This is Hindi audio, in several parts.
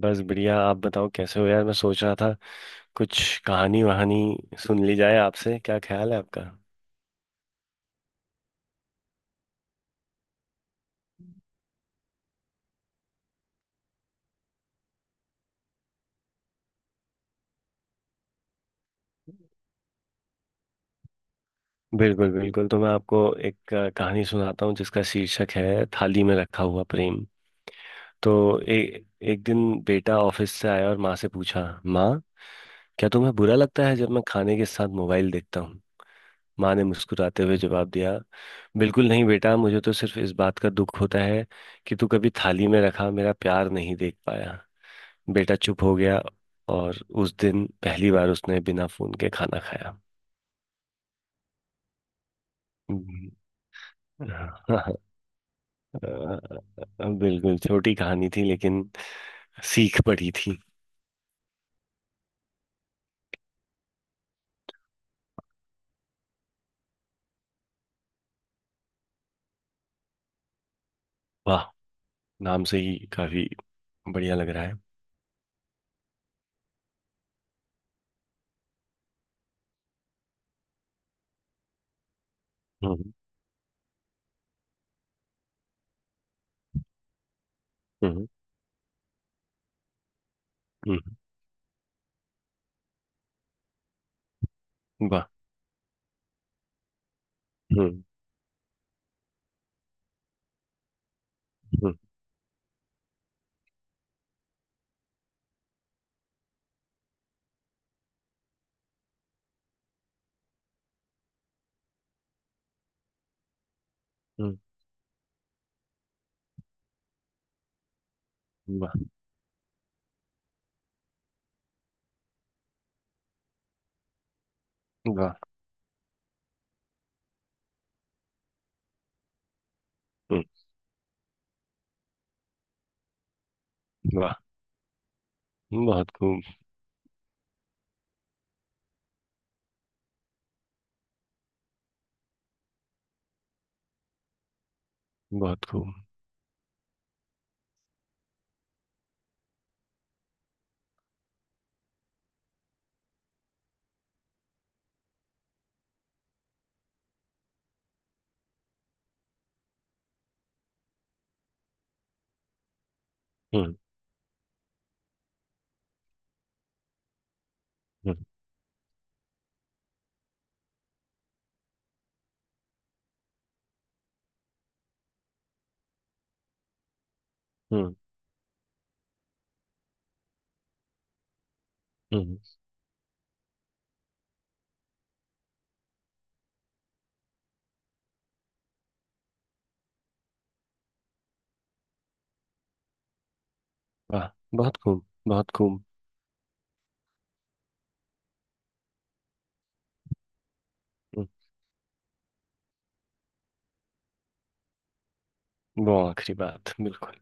बस बढ़िया। आप बताओ कैसे हो यार? मैं सोच रहा था कुछ कहानी वहानी सुन ली जाए आपसे। क्या ख्याल है आपका? बिल्कुल बिल्कुल। तो मैं आपको एक कहानी सुनाता हूँ जिसका शीर्षक है थाली में रखा हुआ प्रेम। तो एक दिन बेटा ऑफिस से आया और माँ से पूछा, माँ क्या तुम्हें बुरा लगता है जब मैं खाने के साथ मोबाइल देखता हूँ? माँ ने मुस्कुराते हुए जवाब दिया, बिल्कुल नहीं बेटा। मुझे तो सिर्फ इस बात का दुख होता है कि तू कभी थाली में रखा मेरा प्यार नहीं देख पाया। बेटा चुप हो गया और उस दिन पहली बार उसने बिना फोन के खाना खाया। हम्म, हाँ, हाँ, बिल्कुल छोटी कहानी थी लेकिन सीख पड़ी थी। वाह! नाम से ही काफी बढ़िया लग रहा है। हम्म। हम्म। हम्म, वाह। हम्म। हम्म। हम्म, वाह। वाह। हम्म, वाह। बहुत खूब, बहुत खूब। हम्म। हम्म। हम्म। हम्म, वाह। बहुत खूब, बहुत खूब। हम्म, वो आखिरी बात बिल्कुल।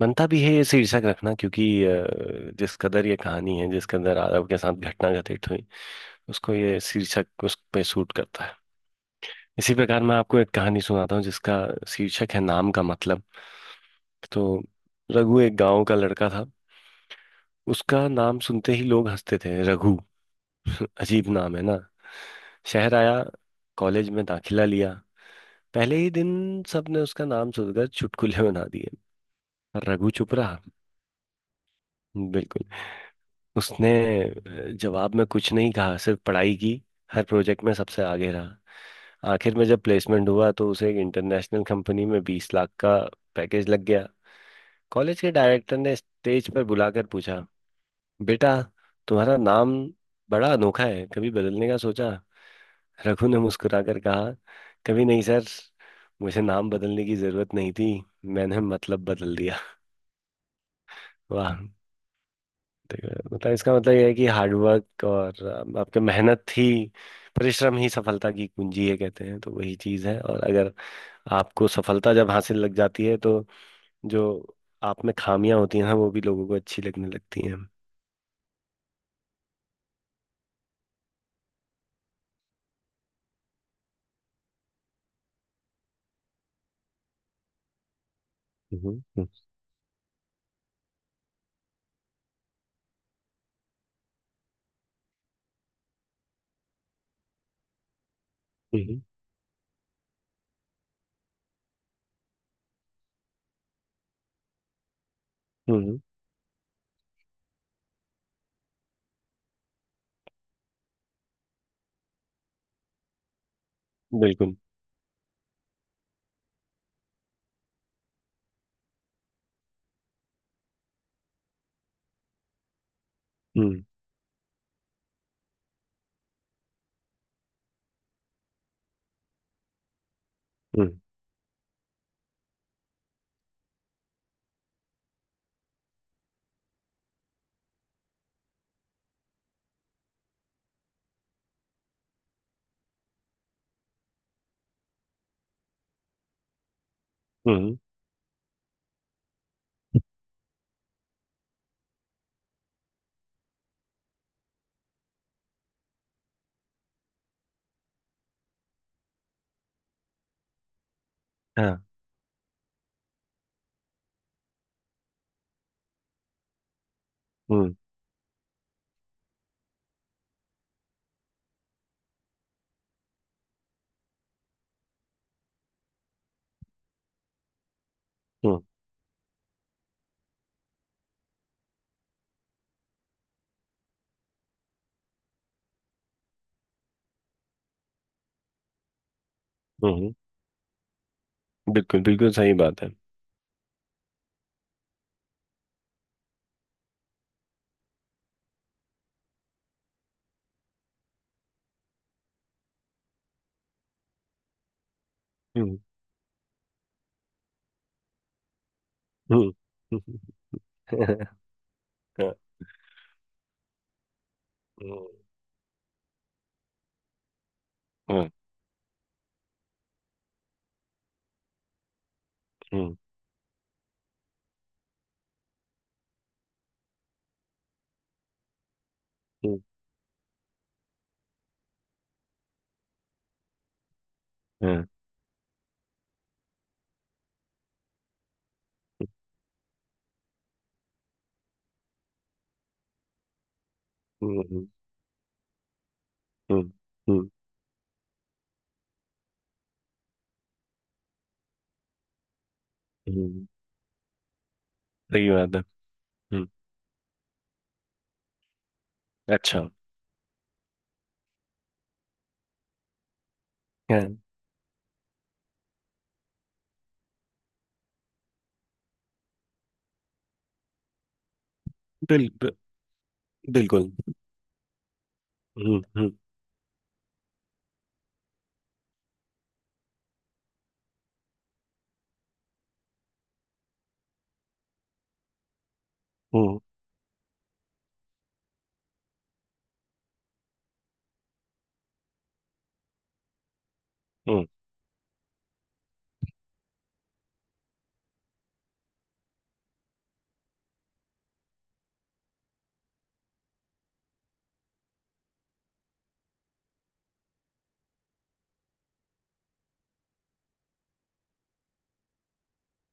बनता भी है ये शीर्षक रखना क्योंकि जिस कदर ये कहानी है जिस कदर आरव के साथ घटना घटित हुई उसको ये शीर्षक उस पे सूट करता है। इसी प्रकार मैं आपको एक कहानी सुनाता हूँ जिसका शीर्षक है नाम का मतलब। तो रघु एक गांव का लड़का था। उसका नाम सुनते ही लोग हंसते थे, रघु? अजीब नाम है ना। शहर आया, कॉलेज में दाखिला लिया। पहले ही दिन सबने उसका नाम सुनकर चुटकुले बना दिए। पर रघु चुप रहा। बिल्कुल। उसने जवाब में कुछ नहीं कहा, सिर्फ पढ़ाई की। हर प्रोजेक्ट में सबसे आगे रहा। आखिर में जब प्लेसमेंट हुआ तो उसे एक इंटरनेशनल कंपनी में 20 लाख का पैकेज लग गया। कॉलेज के डायरेक्टर ने स्टेज पर बुलाकर पूछा, बेटा तुम्हारा नाम बड़ा अनोखा है, कभी बदलने का सोचा? रघु ने मुस्कुराकर कहा, कभी नहीं सर। मुझे नाम बदलने की जरूरत नहीं थी, मैंने मतलब बदल दिया। वाह! ठीक है। मतलब इसका मतलब यह है कि हार्डवर्क और आपके मेहनत ही, परिश्रम ही सफलता की कुंजी है कहते हैं, तो वही चीज है। और अगर आपको सफलता जब हासिल लग जाती है तो जो आप में खामियां होती हैं वो भी लोगों को अच्छी लगने लगती हैं। हम्म। हम्म। हम्म। हम्म, बिल्कुल। हम्म। हम्म। हम्म। हाँ। हम्म। हम्म। हम्म, बिल्कुल बिल्कुल सही बात है। हम्म। हम्म। हम्म, हाँ, हम्म, हाँ, हम्म, हम्म, हाँ, हम्म, हम्म, हम्म, हम्म, हम्म, सही बात है। हम्म। अच्छा। हाँ, बिल, बि- बिल्कुल। हम्म। हम्म। हम्म। हम्म,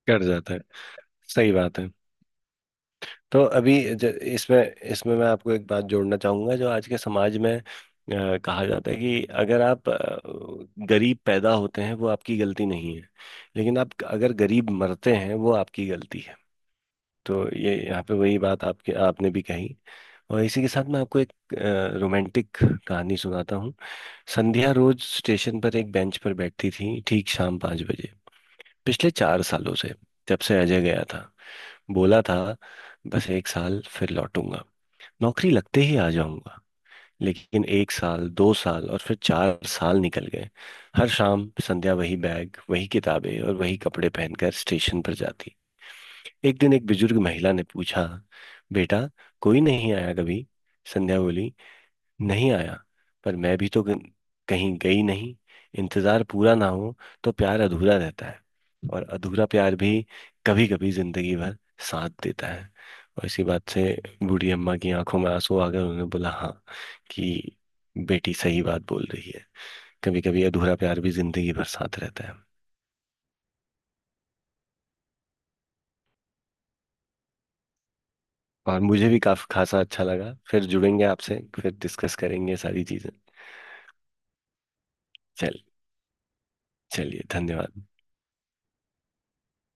कट जाता है। सही बात है। तो अभी इसमें इसमें मैं आपको एक बात जोड़ना चाहूंगा जो आज के समाज में कहा जाता है कि अगर आप गरीब पैदा होते हैं वो आपकी गलती नहीं है। लेकिन आप अगर गरीब मरते हैं वो आपकी गलती है। तो ये यहाँ पे वही बात आपके आपने भी कही। और इसी के साथ मैं आपको एक रोमांटिक कहानी सुनाता हूँ। संध्या रोज स्टेशन पर एक बेंच पर बैठती थी, ठीक शाम 5 बजे, पिछले 4 सालों से। जब से अजय गया था, बोला था बस एक साल फिर लौटूंगा, नौकरी लगते ही आ जाऊंगा। लेकिन एक साल, 2 साल, और फिर 4 साल निकल गए। हर शाम संध्या वही बैग, वही किताबें और वही कपड़े पहनकर स्टेशन पर जाती। एक दिन एक बुजुर्ग महिला ने पूछा, बेटा कोई नहीं आया कभी? संध्या बोली, नहीं आया। पर मैं भी तो कहीं गई नहीं। इंतजार पूरा ना हो तो प्यार अधूरा रहता है। और अधूरा प्यार भी कभी कभी जिंदगी भर साथ देता है। और इसी बात से बूढ़ी अम्मा की आंखों में आंसू आ गए। उन्होंने बोला, हाँ कि बेटी सही बात बोल रही है। कभी कभी अधूरा प्यार भी जिंदगी भर साथ रहता है। और मुझे भी काफी खासा अच्छा लगा। फिर जुड़ेंगे आपसे, फिर डिस्कस करेंगे सारी चीजें। चल चलिए, धन्यवाद।